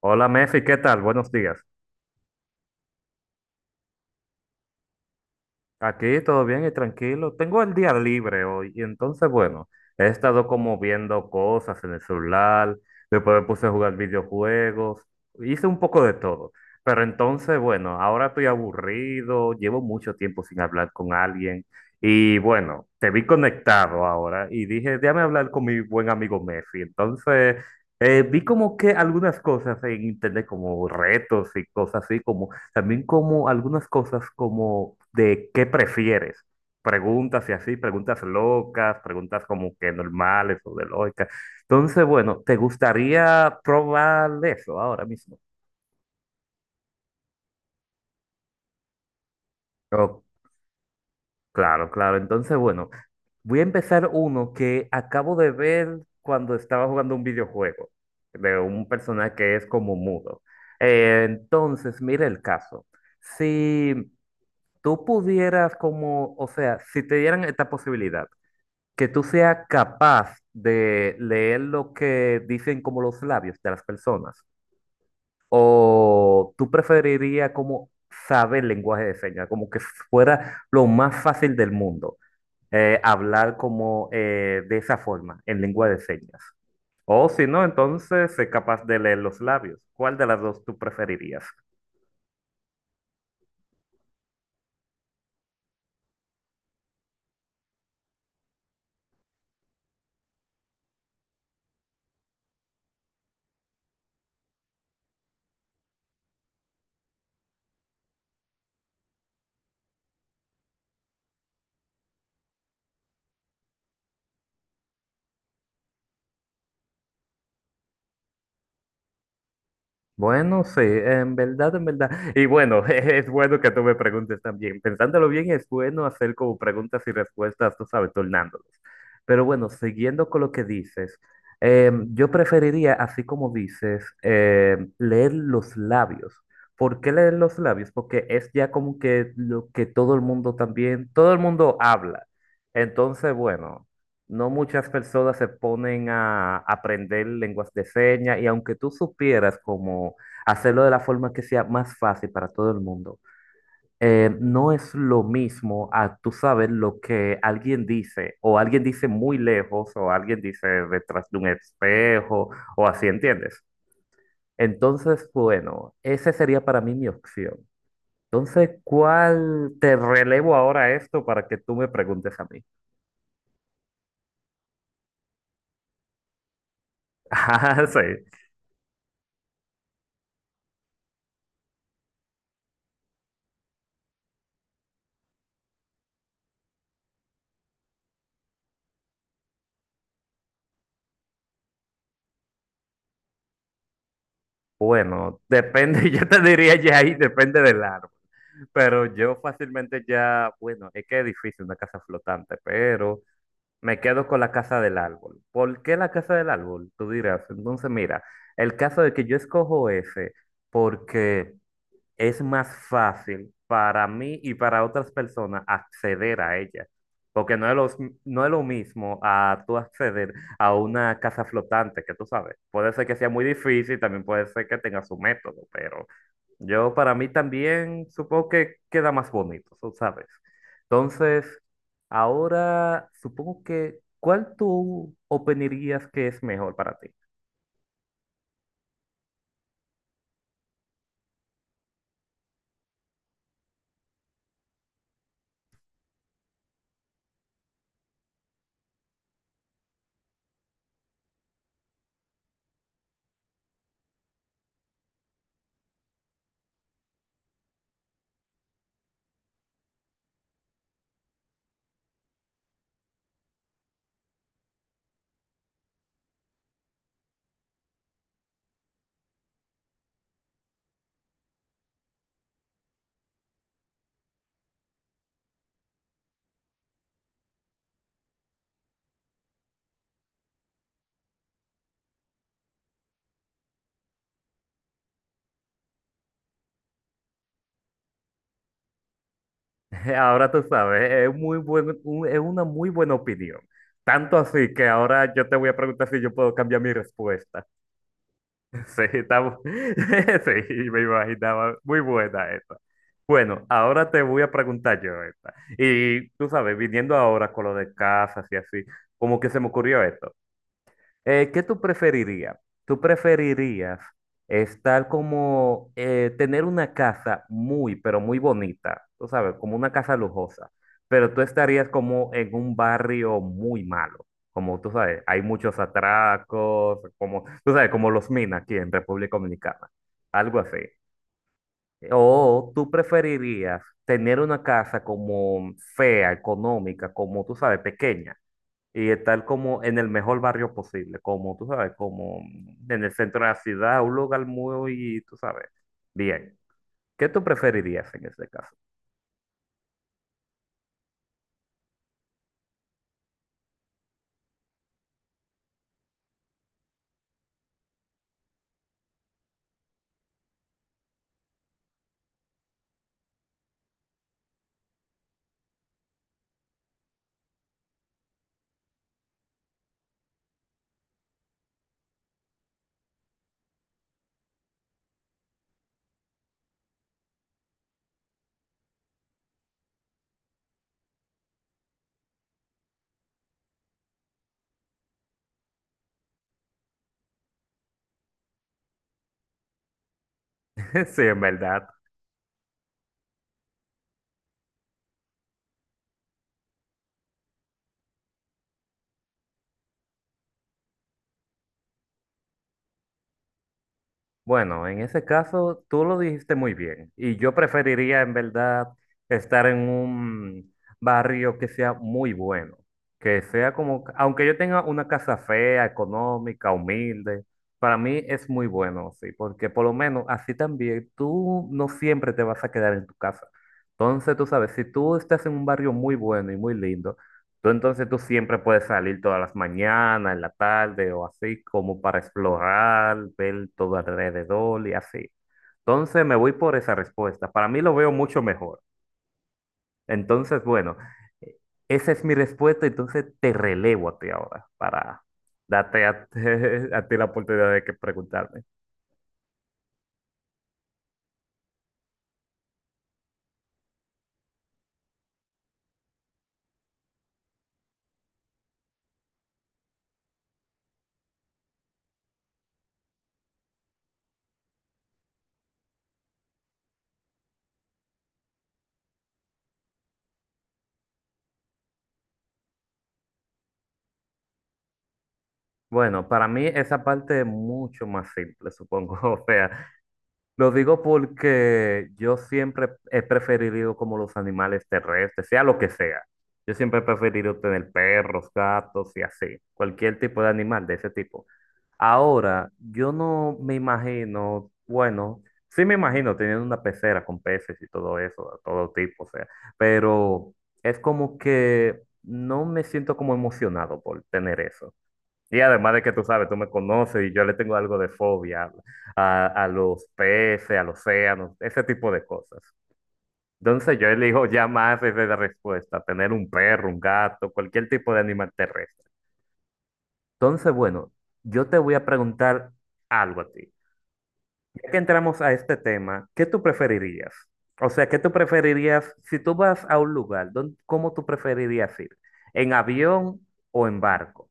Hola Mefi, ¿qué tal? Buenos días. Aquí todo bien y tranquilo. Tengo el día libre hoy y entonces, bueno, he estado como viendo cosas en el celular, después me puse a jugar videojuegos, hice un poco de todo. Pero entonces, bueno, ahora estoy aburrido, llevo mucho tiempo sin hablar con alguien y bueno, te vi conectado ahora y dije, déjame hablar con mi buen amigo Mefi. Entonces, vi como que algunas cosas en internet como retos y cosas así como también como algunas cosas como de qué prefieres. Preguntas y así, preguntas locas, preguntas como que normales o de lógica. Entonces, bueno, ¿te gustaría probar eso ahora mismo? Oh, claro, claro. Entonces, bueno, voy a empezar uno que acabo de ver cuando estaba jugando un videojuego de un personaje que es como mudo. Entonces, mira el caso. Si tú pudieras como, o sea, si te dieran esta posibilidad que tú seas capaz de leer lo que dicen como los labios de las personas, o tú preferirías como saber lenguaje de señas, como que fuera lo más fácil del mundo, hablar como de esa forma, en lengua de señas. O si no, entonces ser capaz de leer los labios. ¿Cuál de las dos tú preferirías? Bueno, sí, en verdad, en verdad. Y bueno, es bueno que tú me preguntes también. Pensándolo bien, es bueno hacer como preguntas y respuestas, tú sabes, tornándolos. Pero bueno, siguiendo con lo que dices, yo preferiría, así como dices, leer los labios. ¿Por qué leer los labios? Porque es ya como que lo que todo el mundo también, todo el mundo habla. Entonces, bueno. No muchas personas se ponen a aprender lenguas de señas y aunque tú supieras cómo hacerlo de la forma que sea más fácil para todo el mundo, no es lo mismo a tú sabes lo que alguien dice o alguien dice muy lejos o alguien dice detrás de un espejo o así, ¿entiendes? Entonces, bueno, esa sería para mí mi opción. Entonces, ¿cuál te relevo ahora esto para que tú me preguntes a mí? Ah, sí. Bueno, depende, yo te diría ya ahí, depende del árbol, pero yo fácilmente ya, bueno, es que es difícil una casa flotante, pero me quedo con la casa del árbol. ¿Por qué la casa del árbol? Tú dirás, entonces mira, el caso de que yo escojo ese, porque es más fácil para mí y para otras personas acceder a ella. Porque no es, no es lo mismo a tú acceder a una casa flotante, que tú sabes. Puede ser que sea muy difícil, también puede ser que tenga su método, pero yo para mí también supongo que queda más bonito, tú sabes. Entonces, ahora supongo que, ¿cuál tú opinarías que es mejor para ti? Ahora tú sabes, es muy buen, es una muy buena opinión. Tanto así que ahora yo te voy a preguntar si yo puedo cambiar mi respuesta. Sí, está, sí, me imaginaba. Muy buena esta. Bueno, ahora te voy a preguntar yo esta. Y tú sabes, viniendo ahora con lo de casas y así, como que se me ocurrió esto. ¿Qué tú preferirías? ¿Tú preferirías estar como tener una casa muy, pero muy bonita, tú sabes, como una casa lujosa, pero tú estarías como en un barrio muy malo, como tú sabes, hay muchos atracos, como tú sabes, como los minas aquí en República Dominicana, algo así. O tú preferirías tener una casa como fea, económica, como tú sabes, pequeña y estar como en el mejor barrio posible, como tú sabes, como en el centro de la ciudad, un lugar muy, tú sabes, bien. ¿Qué tú preferirías en ese caso? Sí, en verdad. Bueno, en ese caso tú lo dijiste muy bien y yo preferiría en verdad estar en un barrio que sea muy bueno, que sea como, aunque yo tenga una casa fea, económica, humilde, para mí es muy bueno, sí, porque por lo menos así también tú no siempre te vas a quedar en tu casa. Entonces, tú sabes, si tú estás en un barrio muy bueno y muy lindo, tú entonces tú siempre puedes salir todas las mañanas, en la tarde o así, como para explorar, ver todo alrededor y así. Entonces me voy por esa respuesta. Para mí lo veo mucho mejor. Entonces, bueno, eh, esa es mi respuesta. Entonces te relevo a ti ahora para darte a, a ti la oportunidad de que preguntarme. Bueno, para mí esa parte es mucho más simple, supongo. O sea, lo digo porque yo siempre he preferido como los animales terrestres, sea lo que sea. Yo siempre he preferido tener perros, gatos y así, cualquier tipo de animal de ese tipo. Ahora, yo no me imagino, bueno, sí me imagino teniendo una pecera con peces y todo eso, de todo tipo, o sea, pero es como que no me siento como emocionado por tener eso. Y además de que tú sabes, tú me conoces y yo le tengo algo de fobia a los peces, al océano, ese tipo de cosas. Entonces yo elijo ya más esa es la respuesta, tener un perro, un gato, cualquier tipo de animal terrestre. Entonces, bueno, yo te voy a preguntar algo a ti. Ya que entramos a este tema, ¿qué tú preferirías? O sea, ¿qué tú preferirías si tú vas a un lugar? ¿Cómo tú preferirías ir? ¿En avión o en barco?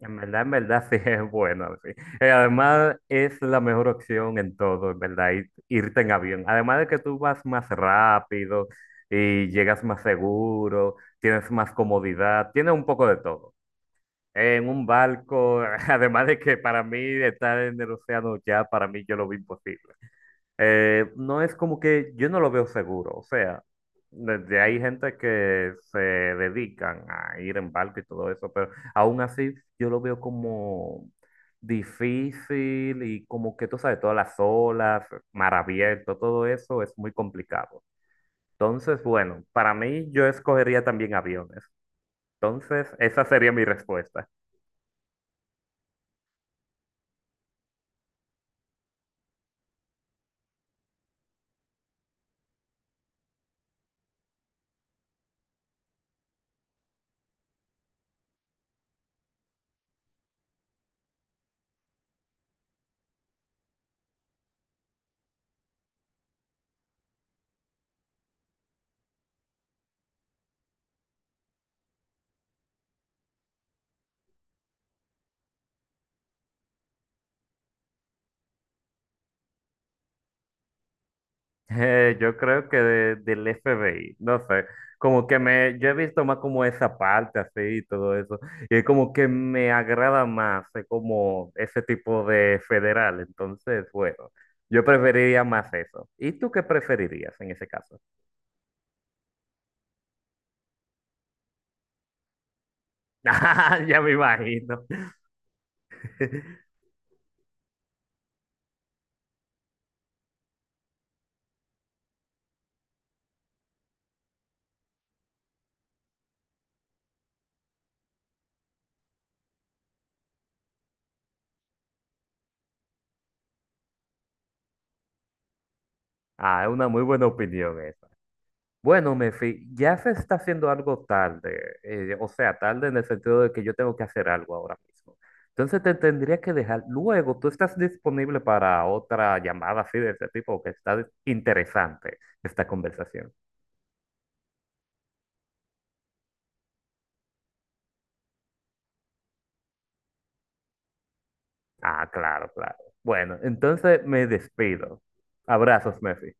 En verdad, en verdad, sí es bueno, sí. Además es la mejor opción en todo, en verdad, irte en avión. Además de que tú vas más rápido y llegas más seguro, tienes más comodidad, tiene un poco de todo. En un barco, además de que para mí estar en el océano ya, para mí yo lo vi imposible. No es como que yo no lo veo seguro, o sea, desde hay gente que se dedican a ir en barco y todo eso, pero aún así yo lo veo como difícil y como que tú sabes, todas las olas, mar abierto, todo eso es muy complicado. Entonces, bueno, para mí yo escogería también aviones. Entonces, esa sería mi respuesta. Yo creo que del FBI, no sé, como que me, yo he visto más como esa parte así y todo eso, y es como que me agrada más como ese tipo de federal, entonces, bueno, yo preferiría más eso. ¿Y tú qué preferirías en ese caso? Ah, ya me imagino. Ah, es una muy buena opinión esa. Bueno, Mefi, ya se está haciendo algo tarde, o sea, tarde en el sentido de que yo tengo que hacer algo ahora mismo. Entonces te tendría que dejar. Luego, tú estás disponible para otra llamada así de este tipo, que está interesante esta conversación. Ah, claro, claro. Bueno, entonces me despido. Abrazos, Mefi.